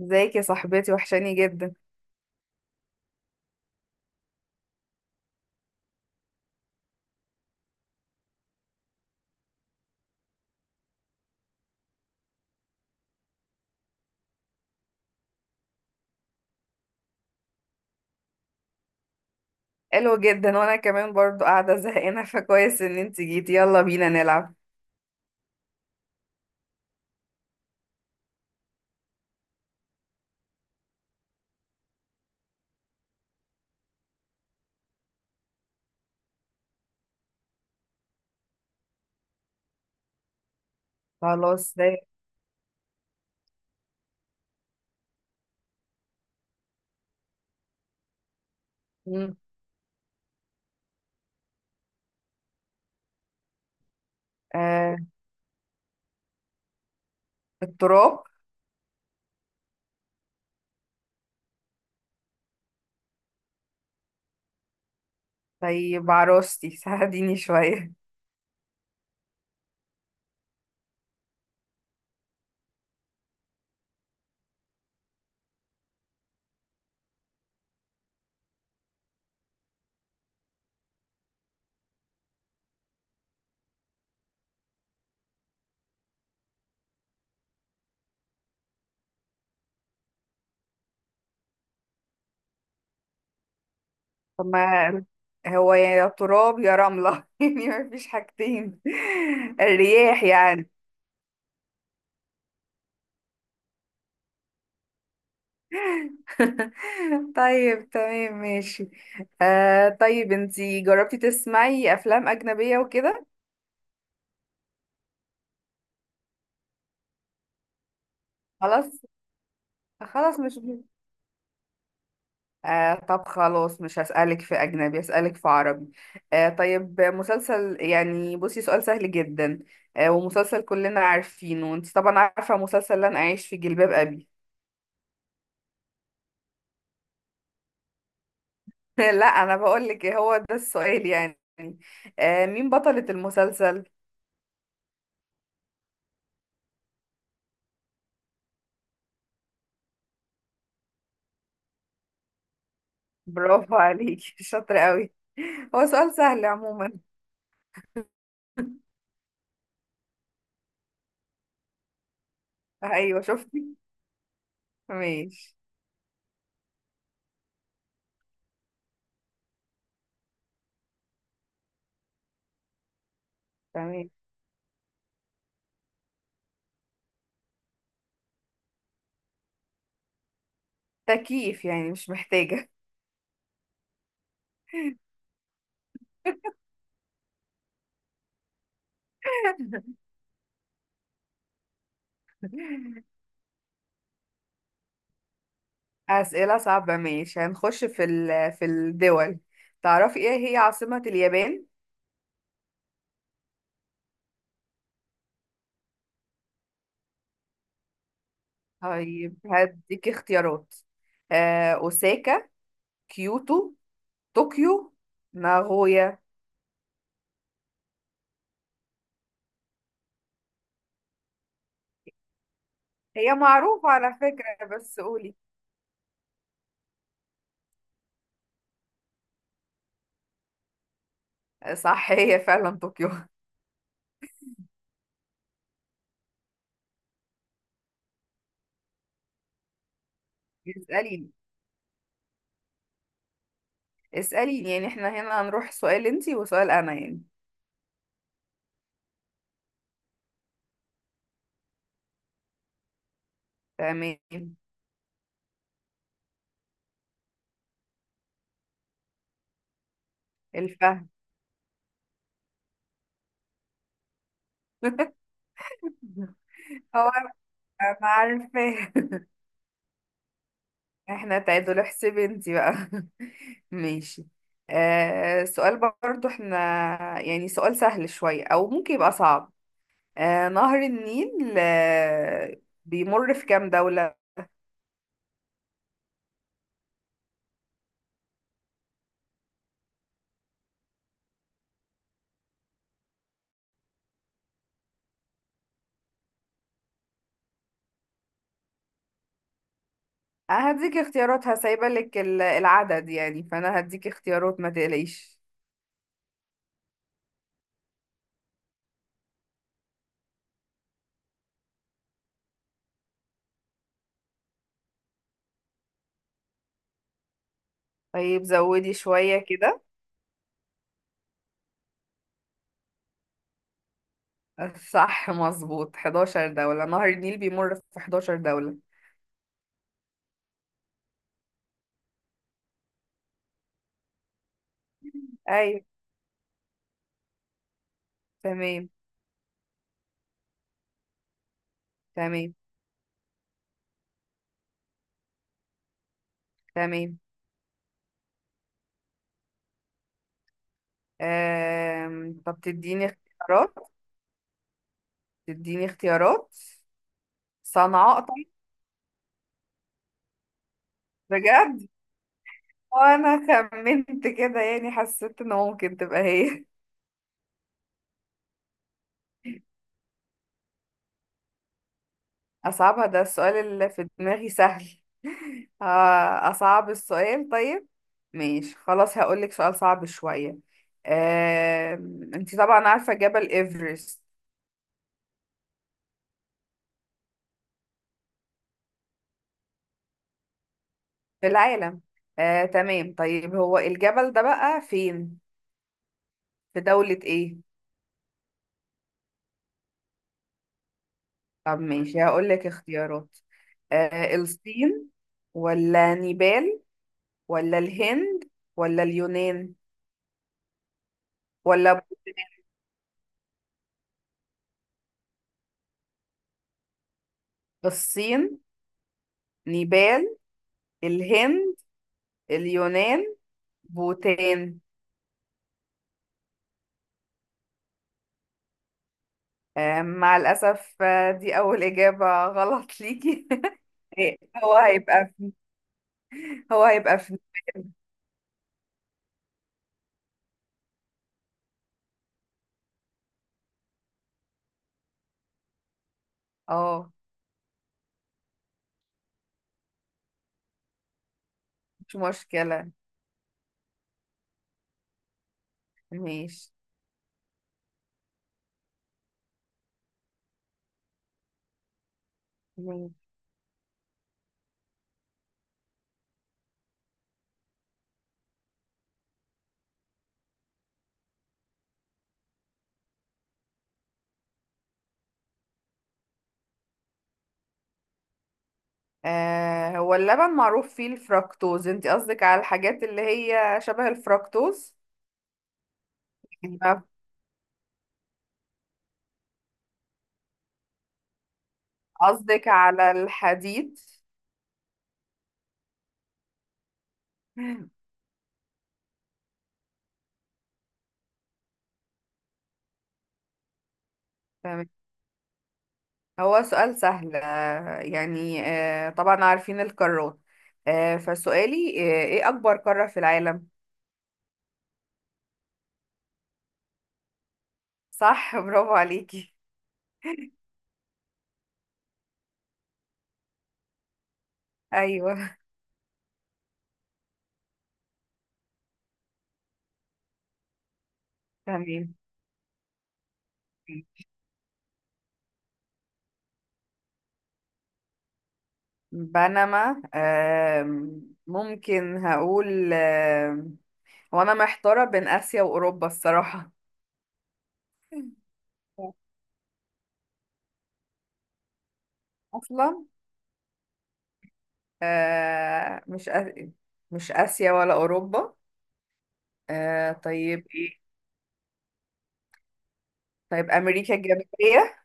ازيك يا صاحبتي؟ وحشاني جدا. حلو جدا، وانا كمان برضو قاعده زهقانه، فكويس ان انت جيتي. يلا بينا نلعب. خلاص ده. مم. آه التراب. طيب عروستي، ساعديني شويه. طب ما هو، يا تراب يا رمله، يعني ما فيش حاجتين. الرياح يعني. طيب، تمام، ماشي. طيب، انتي جربتي تسمعي افلام اجنبيه وكده؟ خلاص. خلاص مش طب خلاص، مش هسألك في أجنبي، هسألك في عربي. طيب، مسلسل، يعني بصي سؤال سهل جدا. ومسلسل كلنا عارفينه، وانت طبعا عارفة مسلسل لن أعيش في جلباب أبي. لا، أنا بقولك إيه هو ده السؤال يعني. مين بطلة المسلسل؟ برافو عليكي. شاطرة قوي. هو سؤال سهل عموما. أيوة، شفتي؟ ماشي. تمام. تكييف، يعني مش محتاجة. أسئلة صعبة، ماشي، هنخش في الدول. تعرفي ايه هي عاصمة اليابان؟ طيب، هديكي اختيارات. أوساكا، كيوتو، طوكيو، ناغويا. هي معروفة على فكرة، بس قولي. صح، هي فعلا طوكيو. اسأليني اسأليني، يعني احنا هنا هنروح سؤال انتي وسؤال أنا يعني. تمام. الفهم. هو أنا عارفاه. احنا تعادل، احسبي انتي بقى. ماشي. سؤال برضو احنا، يعني سؤال سهل شوية أو ممكن يبقى صعب. نهر النيل بيمر في كام دولة؟ هديك اختيارات، هسايبة لك العدد، يعني فأنا هديك اختيارات، ما تقلقيش. طيب، زودي شوية كده. صح، مظبوط، 11 دولة، نهر النيل بيمر في 11 دولة. أيوة. تمام، تمام، تمام. طب تديني اختيارات. تديني اختيارات. صنعاء. بجد. وانا خمنت كده، يعني حسيت ان ممكن تبقى هي. اصعبها؟ ده السؤال اللي في دماغي سهل. اصعب السؤال. طيب، ماشي، خلاص، هقولك سؤال صعب شوية. آه، انتي طبعا عارفة جبل ايفرست. في العالم. تمام، طيب، هو الجبل ده بقى فين؟ في دولة ايه؟ طب، ماشي، هقولك اختيارات. الصين، ولا نيبال؟ ولا الهند؟ ولا اليونان؟ ولا الصين، نيبال، الهند، اليونان، بوتان. مع الأسف، دي أول إجابة غلط ليكي. هو هيبقى في هو هيبقى في نيبال. اه. مش مشكلة. ماشي. ماشي. هو اللبن معروف فيه الفركتوز، انت قصدك على الحاجات اللي هي شبه الفركتوز؟ يبقى قصدك على الحديد؟ تمام. هو سؤال سهل، يعني، طبعا عارفين القارات. فسؤالي، ايه اكبر قارة في العالم؟ صح. برافو عليكي. ايوه. تمام. بنما، ممكن هقول، هو انا محتارة بين اسيا واوروبا الصراحة. اصلا، آه، مش آ- مش اسيا ولا اوروبا. طيب ايه؟ طيب، امريكا الجنوبية؟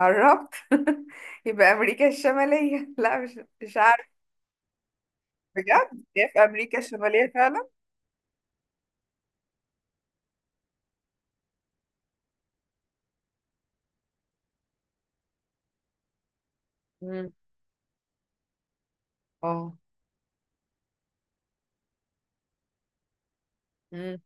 قربت. يبقى امريكا الشمالية. لا، مش عارف. بجد؟ هي في امريكا الشمالية فعلا؟ مم. اه. مم.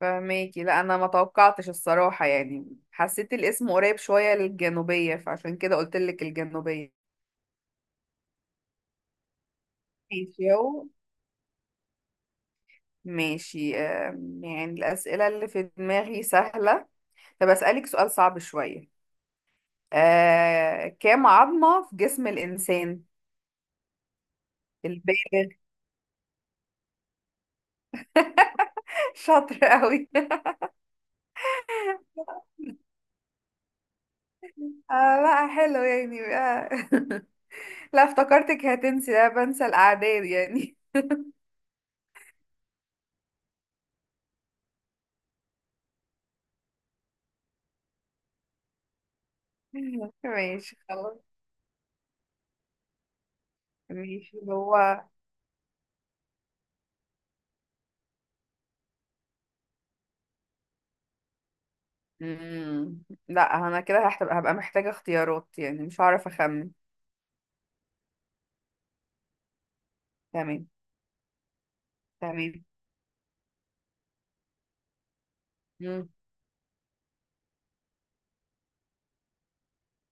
فماكي، لا، انا ما توقعتش الصراحة، يعني حسيت الاسم قريب شوية للجنوبية، فعشان كده قلت لك الجنوبية. ماشي اهو. ماشي، يعني الأسئلة اللي في دماغي سهلة. طب أسألك سؤال صعب شوية. كام عظمة في جسم الإنسان البالغ؟ شاطر قوي. آه لا، حلو يعني. لا، افتكرتك هتنسي. لا، بنسى الأعداد يعني. ماشي، خلاص. ماشي، هو... مم. لا، أنا كده هبقى محتاجة اختيارات، يعني مش هعرف أخمن. تمام. تمام. مم.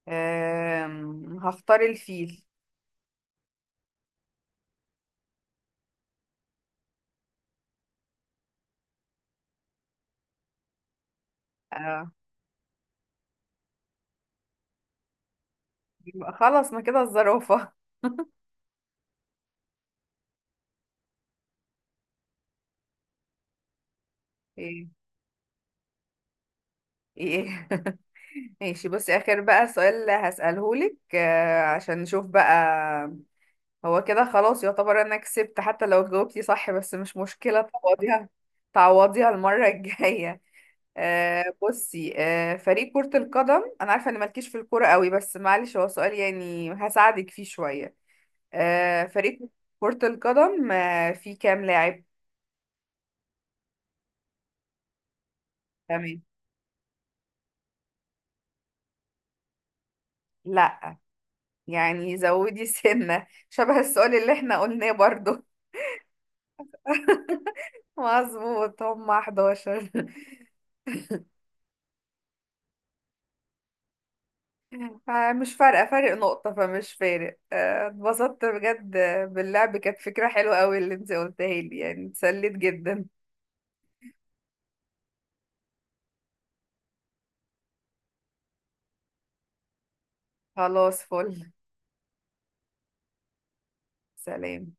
هختار الفيل. آه. يبقى خلاص، ما كده الزرافة. ايه؟ ايه؟ ماشي، بصي، آخر بقى سؤال هسأله لك، عشان نشوف بقى. هو كده خلاص، يعتبر انا كسبت حتى لو جاوبتي صح، بس مش مشكلة، تعوضيها. تعوضيها المرة الجاية. بصي، فريق كرة القدم، انا عارفة ان مالكيش في الكورة قوي، بس معلش، هو سؤال يعني هساعدك فيه شوية. فريق كرة القدم فيه كام لاعب؟ تمام. لا، يعني زودي سنة شبه السؤال اللي احنا قلناه برضو. مظبوط، هم 11. مش فارقة، فارق نقطة فمش فارق، اتبسطت بجد باللعب. كانت فكرة حلوة قوي اللي انت قلتها لي، يعني اتسليت جدا. خلاص، فل. سلام.